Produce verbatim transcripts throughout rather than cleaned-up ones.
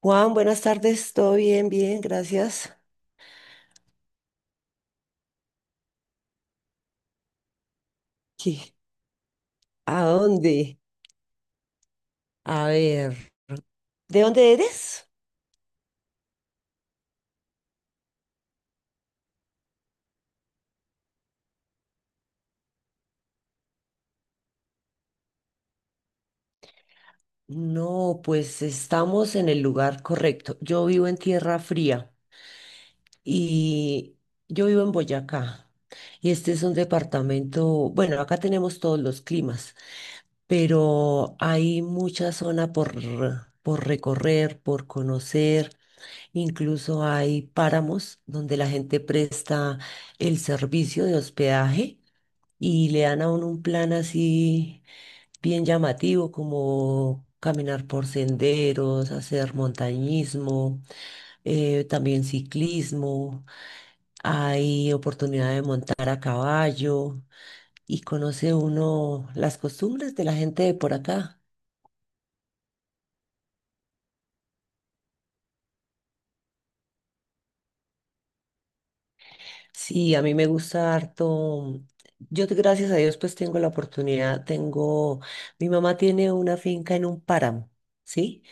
Juan, buenas tardes, todo bien, bien, gracias. ¿Qué? ¿A dónde? A ver, ¿de dónde eres? No, pues estamos en el lugar correcto. Yo vivo en Tierra Fría y yo vivo en Boyacá. Y este es un departamento, bueno, acá tenemos todos los climas, pero hay mucha zona por, por recorrer, por conocer. Incluso hay páramos donde la gente presta el servicio de hospedaje y le dan a uno un plan así bien llamativo, como caminar por senderos, hacer montañismo, eh, también ciclismo, hay oportunidad de montar a caballo y conoce uno las costumbres de la gente de por acá. Sí, a mí me gusta harto. Yo, gracias a Dios, pues tengo la oportunidad, tengo, mi mamá tiene una finca en un páramo, ¿sí?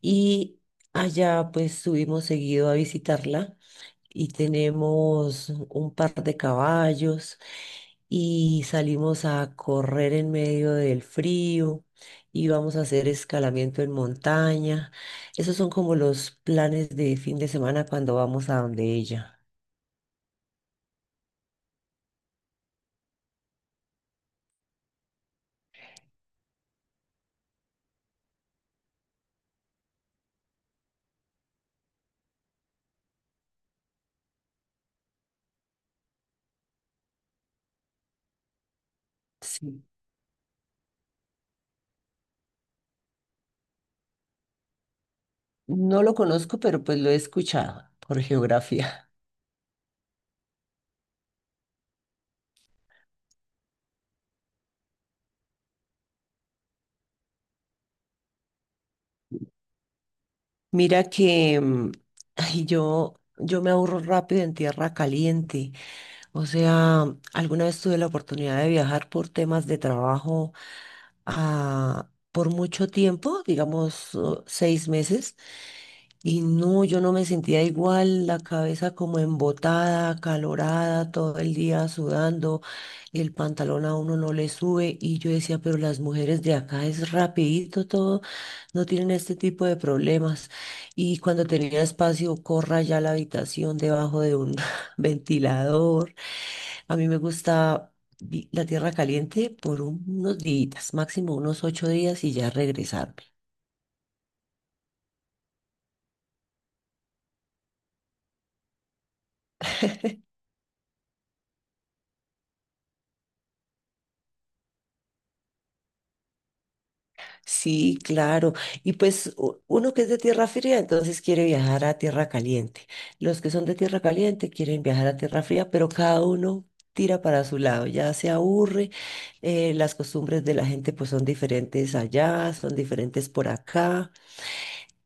Y allá pues subimos seguido a visitarla y tenemos un par de caballos y salimos a correr en medio del frío y vamos a hacer escalamiento en montaña. Esos son como los planes de fin de semana cuando vamos a donde ella. Sí. No lo conozco, pero pues lo he escuchado por geografía. Mira que mm, ay, yo, yo me aburro rápido en tierra caliente. O sea, alguna vez tuve la oportunidad de viajar por temas de trabajo a- por mucho tiempo, digamos uh, seis meses. Y no, yo no me sentía igual, la cabeza como embotada, acalorada, todo el día sudando, el pantalón a uno no le sube y yo decía, pero las mujeres de acá es rapidito todo, no tienen este tipo de problemas. Y cuando tenía espacio, corra ya a la habitación debajo de un ventilador. A mí me gusta vi- la tierra caliente por un- unos días, máximo unos ocho días y ya regresar. Sí, claro. Y pues u- uno que es de tierra fría, entonces quiere viajar a tierra caliente. Los que son de tierra caliente quieren viajar a tierra fría, pero cada uno tira para su lado, ya se aburre. Eh, las costumbres de la gente pues son diferentes allá, son diferentes por acá.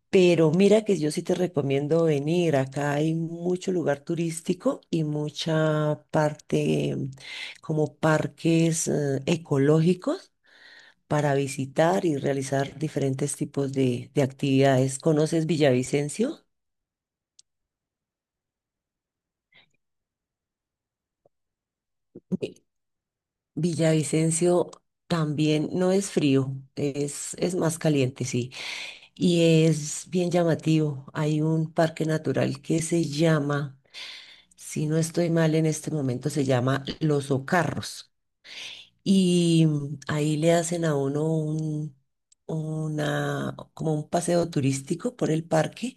Pero mira que yo sí te recomiendo venir. Acá hay mucho lugar turístico y mucha parte mm, como parques eh, ecológicos para visitar y realizar diferentes tipos de, de actividades. ¿Conoces Villavicencio? Vi- Villavicencio también no es frío, es, es más caliente, sí, y es bien llamativo. Hay un parque natural que se llama, si no estoy mal en este momento, se llama Los Ocarros. Y mm, ahí le hacen a uno un, una, como un paseo turístico por el parque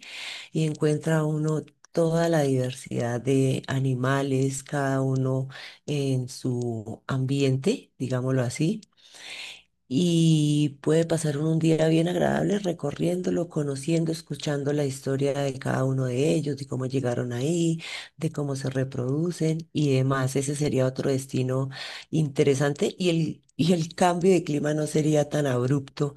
y encuentra uno toda la diversidad de animales, cada uno en su ambiente, digámoslo así y puede pasar un día bien agradable recorriéndolo, conociendo, escuchando la historia de cada uno de ellos, de cómo llegaron ahí, de cómo se reproducen y demás. Ese sería otro destino interesante y el, y el cambio de clima no sería tan abrupto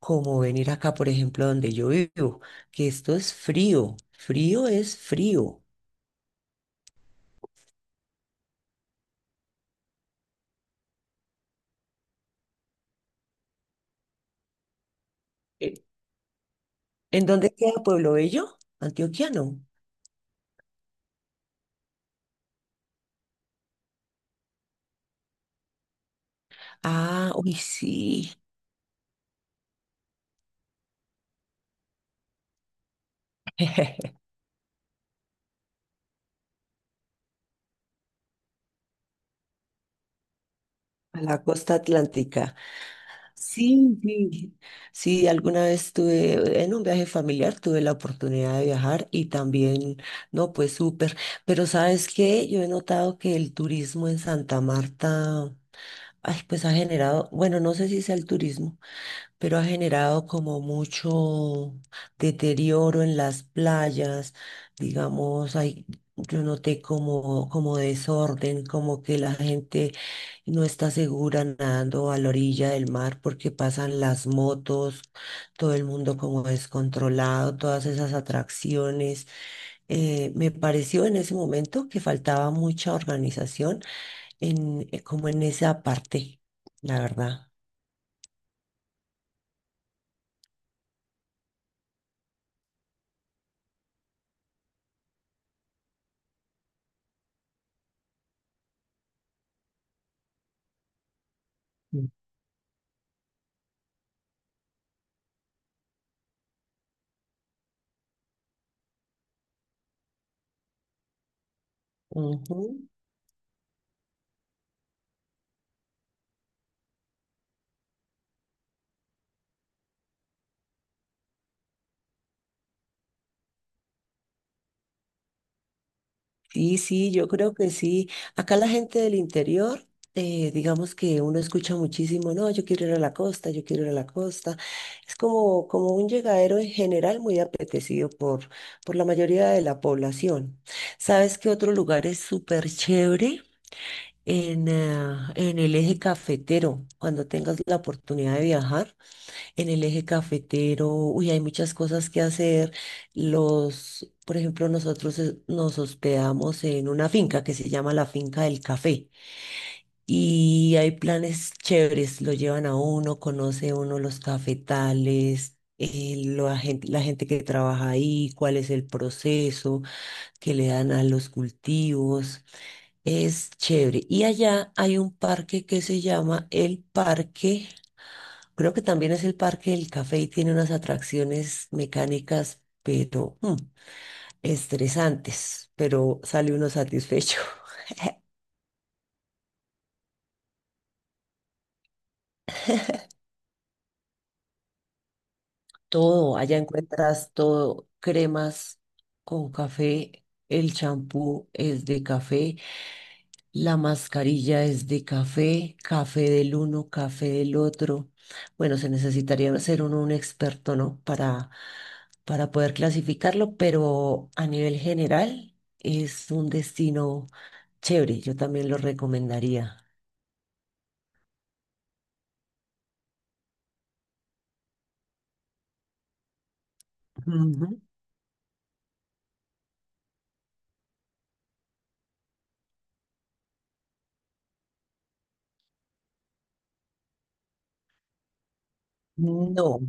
como venir acá, por ejemplo, donde yo vivo, que esto es frío, frío es frío. Eh, ¿En dónde queda Pueblo Bello? Antioquiano. Ah, uy, sí. A la costa atlántica. Sí, sí, sí, alguna vez tuve, en un viaje familiar tuve la oportunidad de viajar y también, no, pues súper, pero ¿sabes qué? Yo he notado que el turismo en Santa Marta, ay, pues ha generado, bueno, no sé si sea el turismo, pero ha generado como mucho deterioro en las playas, digamos, hay, yo noté como, como desorden, como que la gente no está segura nadando a la orilla del mar porque pasan las motos, todo el mundo como descontrolado, todas esas atracciones. Eh, me pareció en ese momento que faltaba mucha organización en, eh, como en esa parte, la verdad. Mm. Ujú. Sí, sí, yo creo que sí. Acá la gente del interior, eh, digamos que uno escucha muchísimo, no, yo quiero ir a la costa, yo quiero ir a la costa. Es como, como un llegadero en general muy apetecido por, por la mayoría de la población. ¿Sabes qué otro lugar es súper chévere? En, ah, en el eje cafetero, cuando tengas la oportunidad de viajar en el eje cafetero, uy, hay muchas cosas que hacer. Los, por ejemplo, nosotros eh, nos hospedamos en una finca que se llama la Finca del Café y hay planes chéveres, lo llevan a uno, conoce uno los cafetales. Eh, lo- la gente, la gente que trabaja ahí, cuál es el proceso que le dan a los cultivos, es chévere. Y allá hay un parque que se llama el Parque. Creo que también es el Parque del Café y tiene unas atracciones mecánicas, pero mm, estresantes, pero sale uno satisfecho. Todo, allá encuentras todo, cremas con café, el champú es de café, la mascarilla es de café, café del uno, café del otro. Bueno, se necesitaría ser uno un experto, ¿no? Para, para poder clasificarlo, pero a nivel general es un destino chévere. Yo también lo recomendaría. Ujú. No.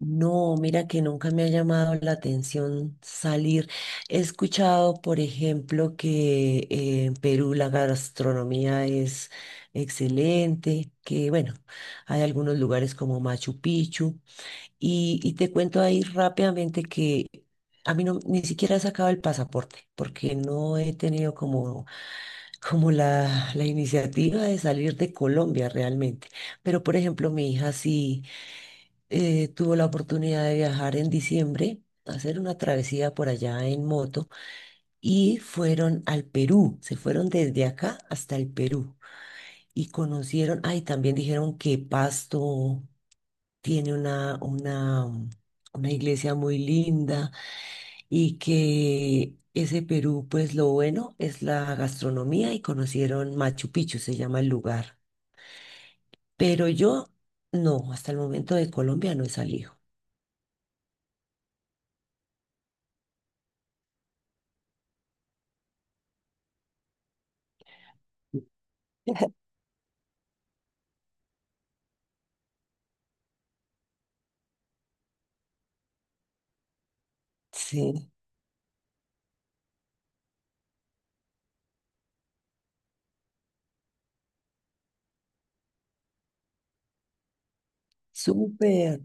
No, mira que nunca me ha llamado la atención salir. He escuchado, por ejemplo, que eh, en Perú la gastronomía es excelente, que bueno, hay algunos lugares como Machu Picchu. Y, y te cuento ahí rápidamente que a mí no, ni siquiera he sacado el pasaporte, porque no he tenido como, como la, la iniciativa de salir de Colombia realmente. Pero, por ejemplo, mi hija sí eh, tuve la oportunidad de viajar en diciembre, hacer una travesía por allá en moto y fueron al Perú, se fueron desde acá hasta el Perú y conocieron, ay, también dijeron que Pasto tiene una, una, um, una iglesia muy linda y que ese Perú, pues lo bueno es la gastronomía y conocieron Machu Picchu, se llama el lugar. Pero yo, no, hasta el momento de Colombia no he salido. Sí, súper.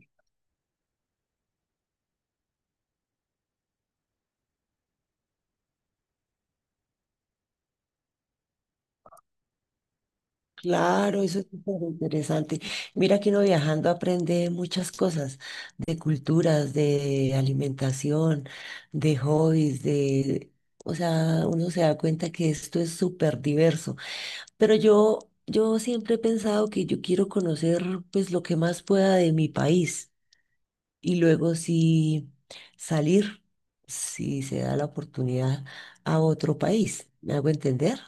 Claro, eso es súper interesante. Mira que uno viajando aprende muchas cosas, de culturas, de alimentación, de hobbies, de, o sea, uno se da cuenta que esto es súper diverso. Pero yo, yo siempre he pensado que yo quiero conocer pues lo que más pueda de mi país y luego sí salir, si se da la oportunidad, a otro país. ¿Me hago entender?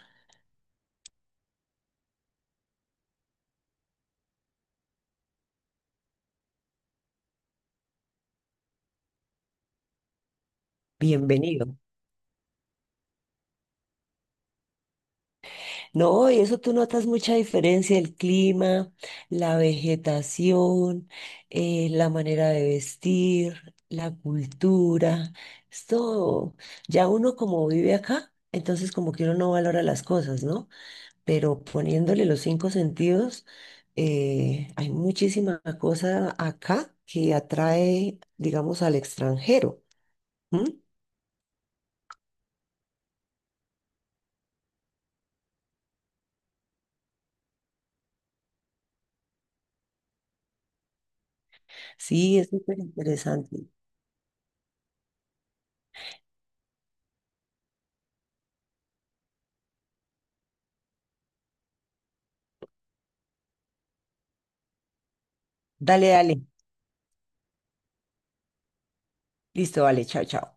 Bienvenido. No, y eso tú notas mucha diferencia, el clima, la vegetación, eh, la manera de vestir, la cultura, es todo. Ya uno como vive acá, entonces como que uno no valora las cosas, ¿no? Pero poniéndole los cinco sentidos, eh, hay muchísima cosa acá que atrae, digamos, al extranjero. ¿M? Sí, es súper interesante. Dale, dale. Listo, vale, chao, chao.